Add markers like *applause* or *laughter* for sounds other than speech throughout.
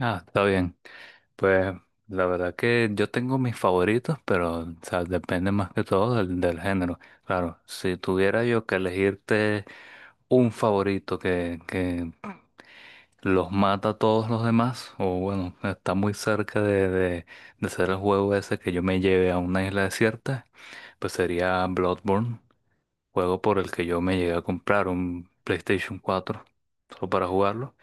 Ah, está bien. Pues la verdad que yo tengo mis favoritos, pero o sea, depende más que todo del género. Claro, si tuviera yo que elegirte un favorito que los mata a todos los demás, o bueno, está muy cerca de ser el juego ese que yo me lleve a una isla desierta, pues sería Bloodborne, juego por el que yo me llegué a comprar un PlayStation cuatro solo para jugarlo.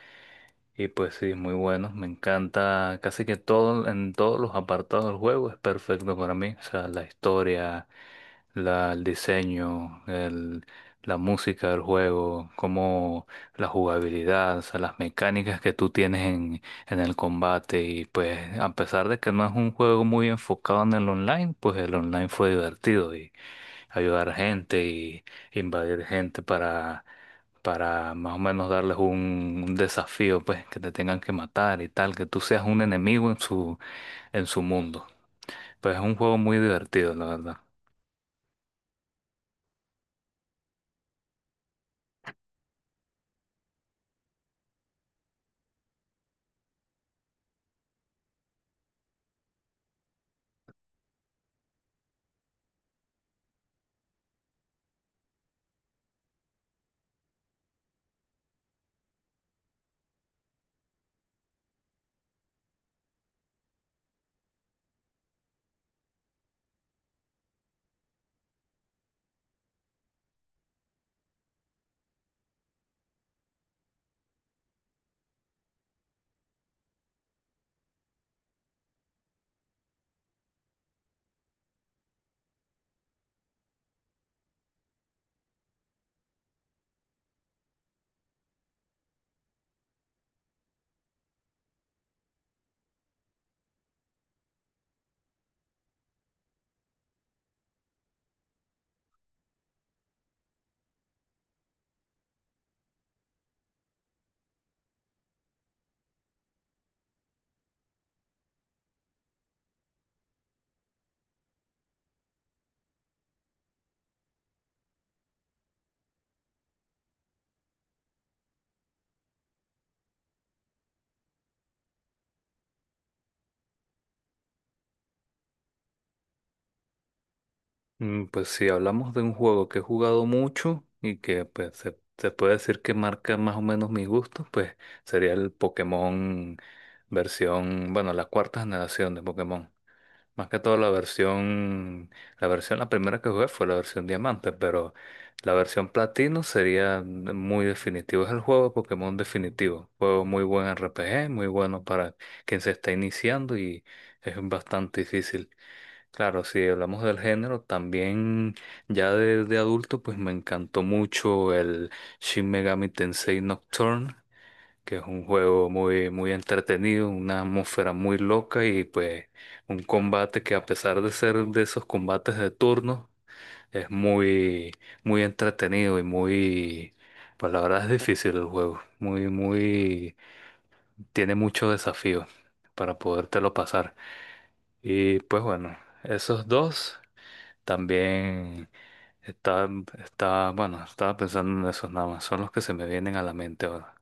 Y pues sí, muy bueno, me encanta casi que todo en todos los apartados del juego es perfecto para mí, o sea, la historia, el diseño, la música del juego, como la jugabilidad, o sea, las mecánicas que tú tienes en el combate y pues a pesar de que no es un juego muy enfocado en el online, pues el online fue divertido ayudar gente y invadir gente para más o menos darles un desafío, pues, que te tengan que matar y tal, que tú seas un enemigo en en su mundo. Pues es un juego muy divertido, la verdad. Pues si hablamos de un juego que he jugado mucho y que pues se puede decir que marca más o menos mis gustos, pues sería el Pokémon versión, bueno, la cuarta generación de Pokémon. Más que todo la versión, la primera que jugué fue la versión diamante, pero la versión platino sería muy definitivo. Es el juego de Pokémon definitivo. Juego muy buen RPG, muy bueno para quien se está iniciando y es bastante difícil. Claro, si hablamos del género, también ya de adulto, pues me encantó mucho el Shin Megami Tensei Nocturne que es un juego muy, muy entretenido, una atmósfera muy loca y pues un combate que a pesar de ser de esos combates de turno, es muy, muy entretenido y muy, pues la verdad es difícil el juego, muy, muy, tiene mucho desafío para podértelo pasar. Y pues bueno, esos dos también está, bueno, estaba pensando en esos nada más, son los que se me vienen a la mente ahora.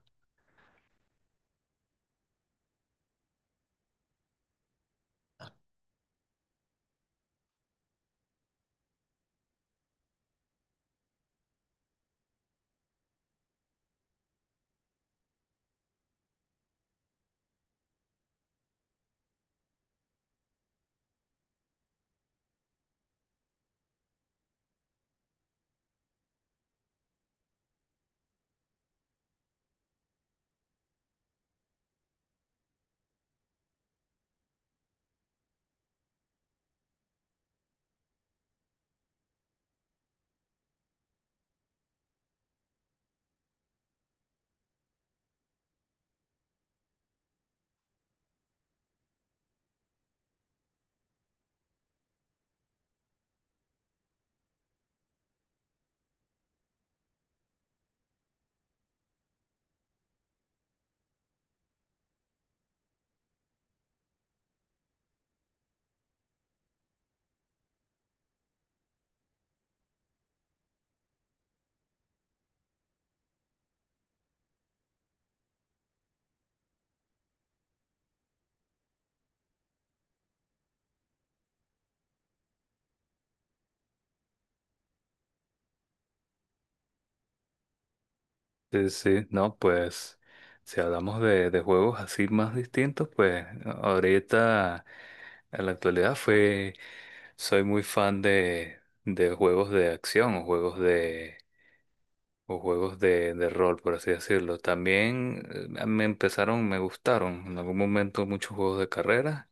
Sí, sí, no, pues si hablamos de juegos así más distintos, pues ahorita en la actualidad soy muy fan de juegos de acción, o o juegos de rol, por así decirlo. También me gustaron en algún momento muchos juegos de carreras.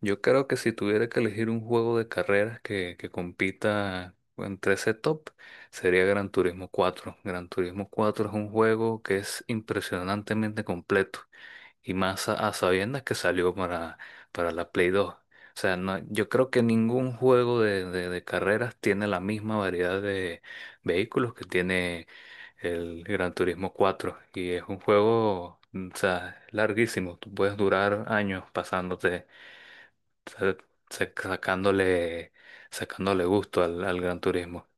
Yo creo que si tuviera que elegir un juego de carreras que compita entre ese top, sería Gran Turismo cuatro. Gran Turismo cuatro es un juego que es impresionantemente completo. Y más a sabiendas que salió para la Play 2. O sea, no, yo creo que ningún juego de carreras tiene la misma variedad de vehículos que tiene el Gran Turismo 4. Y es un juego, o sea, larguísimo. Tú puedes durar años pasándote, sa- sa- sacándole, sacándole gusto al Gran Turismo.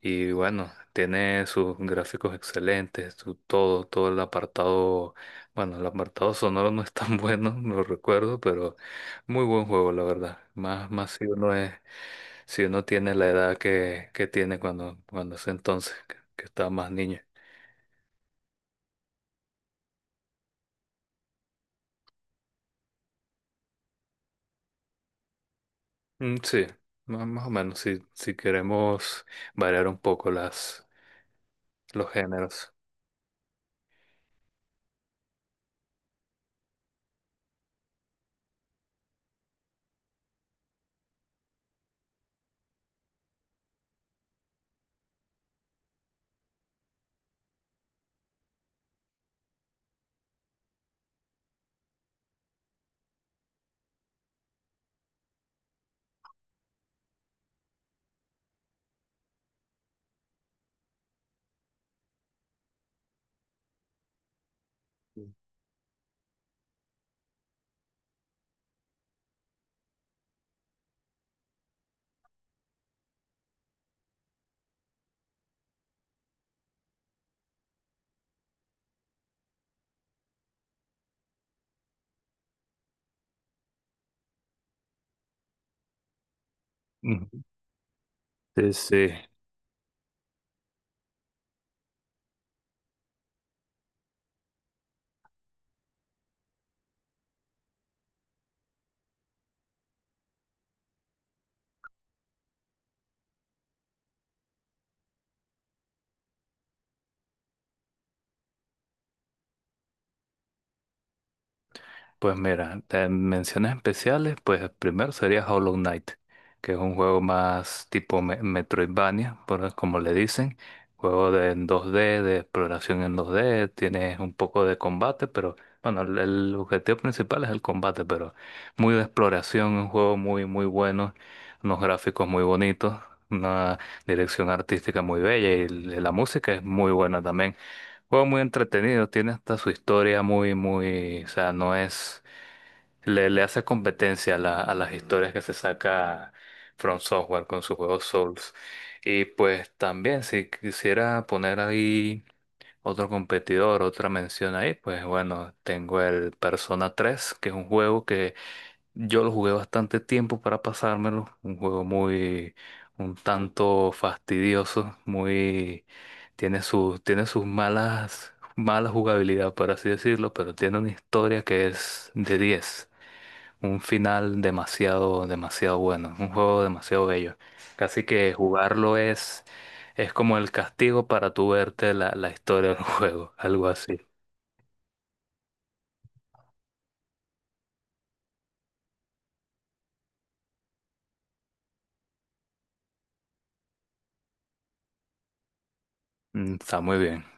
Y bueno, tiene sus gráficos excelentes, su todo, todo el apartado, bueno, el apartado sonoro no es tan *laughs* bueno, no recuerdo, pero muy buen juego, la verdad. Más, más si uno es, si uno tiene la edad que tiene cuando, cuando ese entonces, que estaba más niño. Mm, sí, más, más o menos, si, si queremos variar un poco las, los géneros. Ujú. Sí, sí. Pues mira, de menciones especiales, pues el primero sería Hollow Knight, que es un juego más tipo Metroidvania, por, como le dicen, juego de en 2D, de exploración en 2D, tienes un poco de combate, pero bueno, el objetivo principal es el combate, pero muy de exploración, un juego muy, muy bueno, unos gráficos muy bonitos, una dirección artística muy bella y la música es muy buena también. Juego muy entretenido, tiene hasta su historia muy, muy, o sea, no es le hace competencia a las historias que se saca From Software con su juego Souls. Y pues también si quisiera poner ahí otro competidor, otra mención ahí, pues bueno, tengo el Persona tres que es un juego que yo lo jugué bastante tiempo para pasármelo. Un juego muy, un tanto fastidioso, muy, tiene sus malas, mala jugabilidad, por así decirlo, pero tiene una historia que es de diez, un final demasiado, demasiado bueno, un juego demasiado bello. Casi que jugarlo es como el castigo para tú verte la historia del *laughs* juego, algo así. Mm, está muy bien.